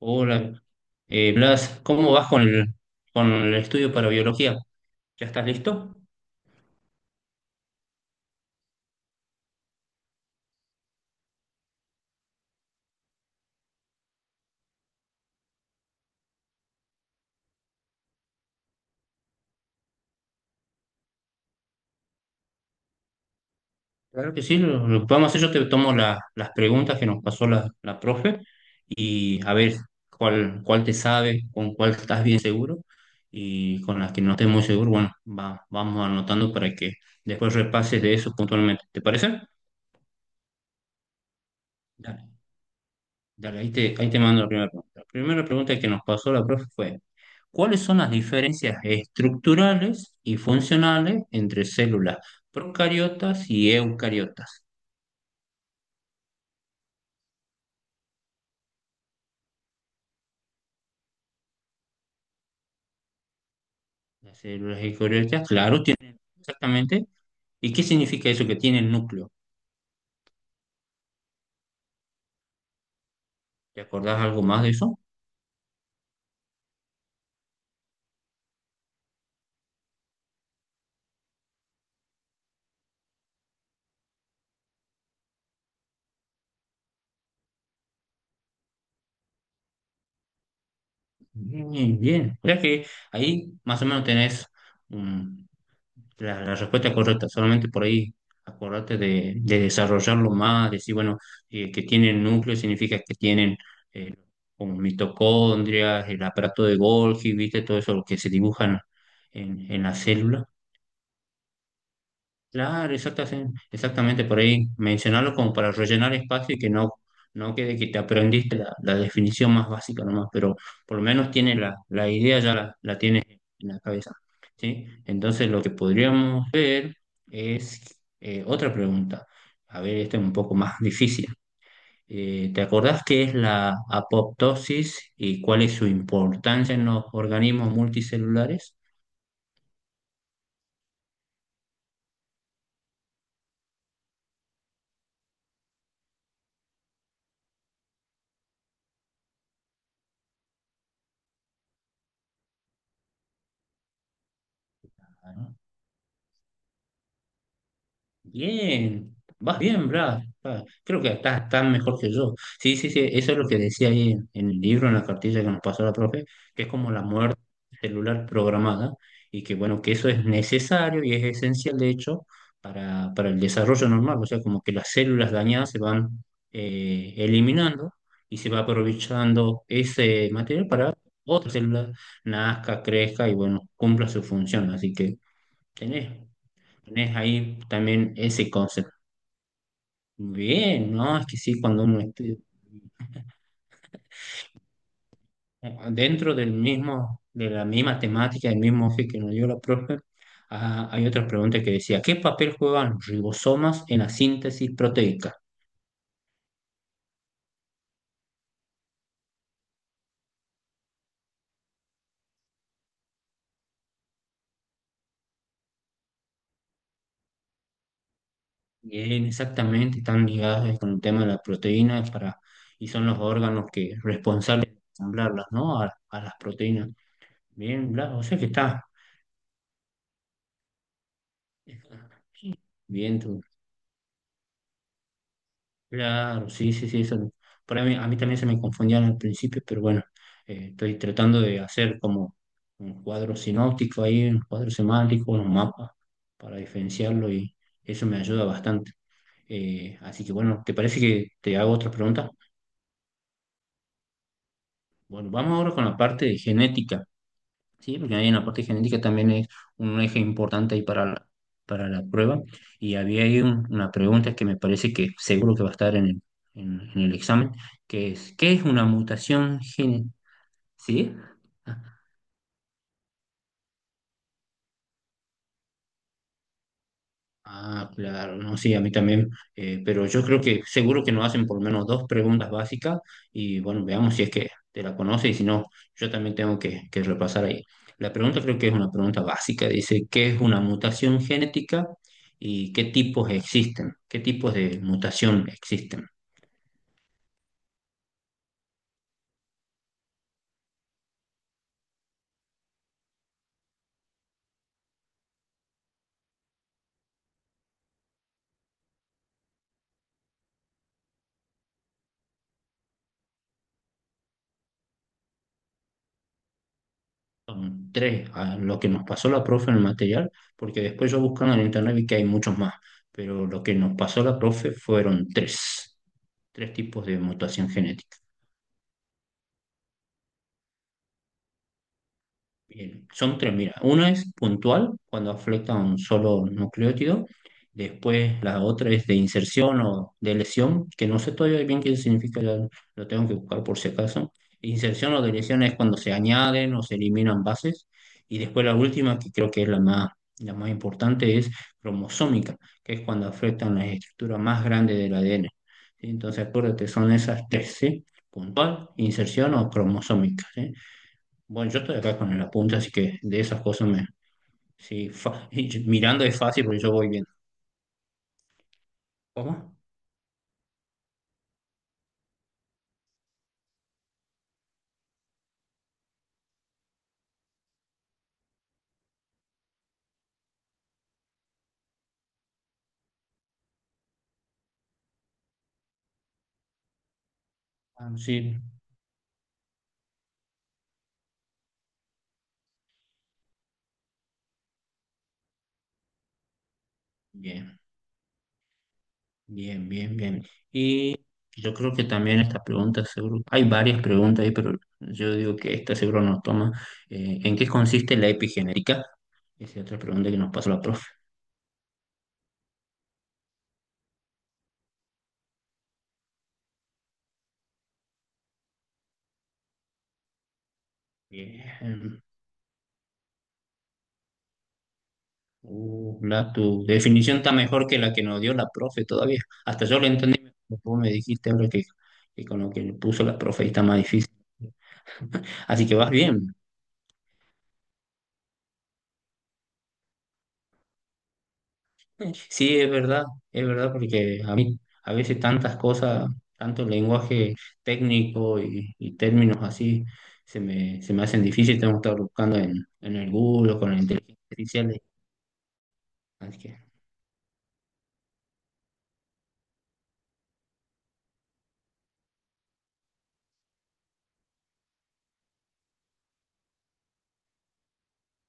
Hola, Blas, ¿cómo vas con el estudio para biología? ¿Ya estás listo? Claro que sí, lo que vamos a hacer, yo te tomo las preguntas que nos pasó la profe y a ver cuál te sabe, con cuál estás bien seguro y con las que no estés muy seguro, bueno, vamos anotando para que después repases de eso puntualmente. ¿Te parece? Dale, dale, ahí te mando la primera pregunta. La primera pregunta que nos pasó la profe fue cuáles son las diferencias estructurales y funcionales entre células procariotas y eucariotas. Las células eucariotas, claro, tienen exactamente. ¿Y qué significa eso que tiene el núcleo? ¿Te acordás algo más de eso? Bien, bien. O sea que ahí más o menos tenés. La respuesta es correcta, solamente por ahí acordate de desarrollarlo más, decir, bueno, que tienen núcleo significa que tienen, eh, como mitocondrias, el aparato de Golgi, viste, todo eso lo que se dibujan en la célula. Claro, exactamente, exactamente por ahí mencionarlo como para rellenar espacio y que no, no quede que te aprendiste la definición más básica nomás, pero por lo menos tiene la idea, ya la tienes en la cabeza, ¿sí? Entonces lo que podríamos ver es, otra pregunta. A ver, esta es un poco más difícil. ¿Te acordás qué es la apoptosis y cuál es su importancia en los organismos multicelulares? Bien, vas bien, Brad. Ah, creo que estás tan mejor que yo. Sí, sí, sí, eso es lo que decía ahí en el libro, en la cartilla que nos pasó la profe, que es como la muerte celular programada y que, bueno, que eso es necesario y es esencial, de hecho, para el desarrollo normal. O sea, como que las células dañadas se van, eliminando y se va aprovechando ese material para otra célula nazca, crezca y, bueno, cumpla su función. Así que tenés. Tenés ahí también ese concepto. Bien, ¿no? Es que sí, cuando uno estudia dentro del mismo, de la misma temática, del mismo eje que nos dio la profe, ah, hay otras preguntas que decía, ¿qué papel juegan los ribosomas en la síntesis proteica? Bien, exactamente, están ligados con el tema de las proteínas para, y son los órganos que responsables de ensamblarlas, ¿no? A las proteínas. Bien, bla, o sea que está bien. Claro, sí, sí, sí, eso. Por ahí a mí también se me confundían al principio, pero bueno, estoy tratando de hacer como un cuadro sinóptico ahí, un cuadro semántico, un mapa para diferenciarlo y eso me ayuda bastante. Así que bueno, ¿te parece que te hago otra pregunta? Bueno, vamos ahora con la parte de genética. Sí, porque ahí en la parte genética también es un eje importante ahí para para la prueba. Y había ahí una pregunta que me parece que seguro que va a estar en el, en el examen, que es, ¿qué es una mutación genética? ¿Sí? Ah, ah, claro, no, sí, a mí también, pero yo creo que seguro que nos hacen por lo menos dos preguntas básicas y bueno, veamos si es que te la conoce y si no, yo también tengo que repasar ahí. La pregunta creo que es una pregunta básica, dice, ¿qué es una mutación genética y qué tipos existen? ¿Qué tipos de mutación existen? Son tres, a lo que nos pasó la profe en el material, porque después yo buscando en internet vi que hay muchos más, pero lo que nos pasó la profe fueron tres, tres tipos de mutación genética. Bien, son tres, mira. Una es puntual, cuando afecta a un solo nucleótido. Después la otra es de inserción o de lesión, que no sé todavía bien qué significa, ya lo tengo que buscar por si acaso. Inserción o de lesión es cuando se añaden o se eliminan bases. Y después la última, que creo que es la más importante, es cromosómica, que es cuando afectan las estructuras más grandes del ADN. ¿Sí? Entonces acuérdate, son esas tres, ¿sí? Puntual, inserción o cromosómica, ¿sí? Bueno, yo estoy acá con el apunte, así que de esas cosas me... Sí, mirando es fácil porque yo voy viendo. ¿Cómo? Ah, sí. Bien, bien, bien, bien. Y yo creo que también esta pregunta, seguro, hay varias preguntas ahí, pero yo digo que esta seguro nos toma. ¿En qué consiste la epigenética? Esa es otra pregunta que nos pasó la profe. Bien. La, tu definición está mejor que la que nos dio la profe todavía. Hasta yo lo entendí, mejor, vos me dijiste ahora que con lo que le puso la profe ahí está más difícil. Así que vas bien. Sí, es verdad, porque a mí a veces tantas cosas, tanto lenguaje técnico y términos así, se me hacen difíciles. Tengo que estar buscando en el Google o con la inteligencia artificial. Así que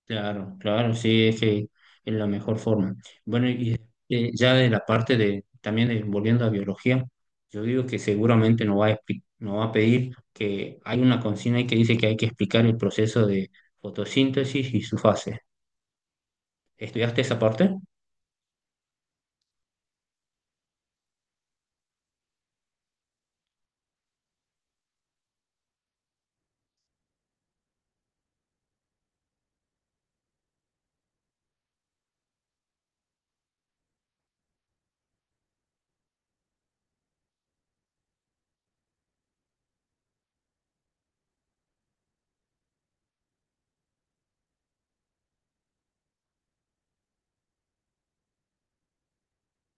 claro, claro, sí, es que es la mejor forma. Bueno, y ya de la parte de, también volviendo a biología, yo digo que seguramente nos va a, nos va a pedir que hay una consigna ahí que dice que hay que explicar el proceso de fotosíntesis y su fase. ¿Estudiaste esa parte?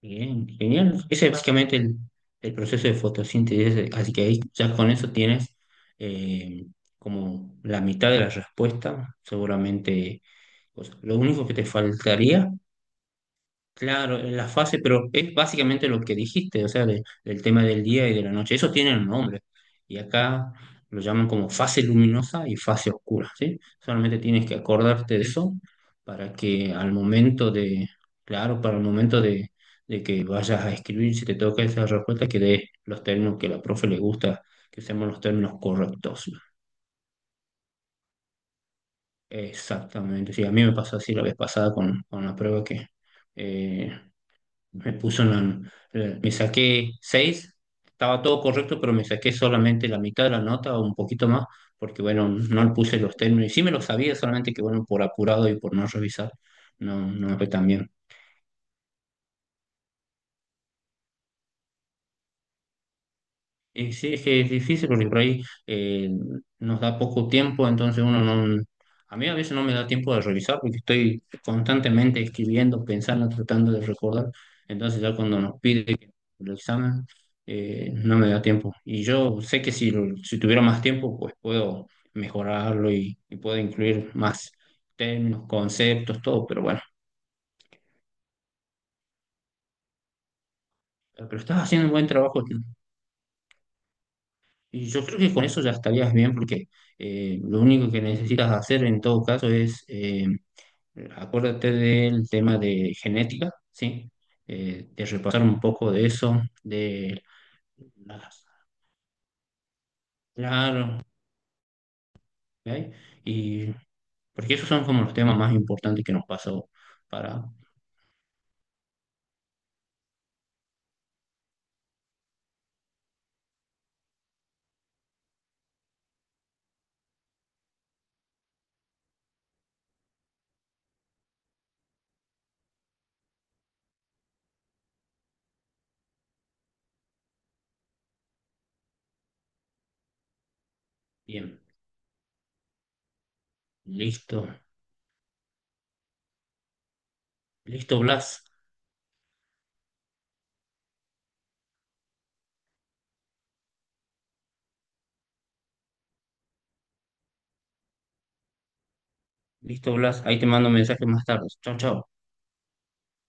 Bien, genial. Ese es básicamente el proceso de fotosíntesis, así que ahí ya con eso tienes, eh, como la mitad de la respuesta, seguramente. O sea, lo único que te faltaría claro, en la fase, pero es básicamente lo que dijiste, o sea, del tema del día y de la noche. Eso tiene un nombre. Y acá lo llaman como fase luminosa y fase oscura, ¿sí? Solamente tienes que acordarte de eso para que al momento de, claro, para el momento de que vayas a escribir, si te toca esa respuesta, que des los términos que a la profe le gusta, que seamos los términos correctos. Exactamente, sí, a mí me pasó así la vez pasada con la prueba que... eh, Me puso en me saqué seis, estaba todo correcto, pero me saqué solamente la mitad de la nota o un poquito más, porque bueno, no le puse los términos. Y sí me los sabía, solamente que bueno, por apurado y por no revisar, no, no me fue tan bien. Y sí, es que es difícil porque por ahí nos da poco tiempo, entonces uno no... A mí a veces no me da tiempo de revisar porque estoy constantemente escribiendo, pensando, tratando de recordar. Entonces ya cuando nos pide que el examen, no me da tiempo. Y yo sé que si, si tuviera más tiempo, pues puedo mejorarlo y puedo incluir más términos, conceptos, todo, pero bueno. Pero estás haciendo un buen trabajo. Y yo creo que con eso ya estarías bien porque, lo único que necesitas hacer en todo caso es, acuérdate del tema de genética, ¿sí? De repasar un poco de eso, de las, claro, ¿ok? Y porque esos son como los temas más importantes que nos pasó para, bien, listo, listo Blas, listo Blas, ahí te mando un mensaje más tarde, chao, chao.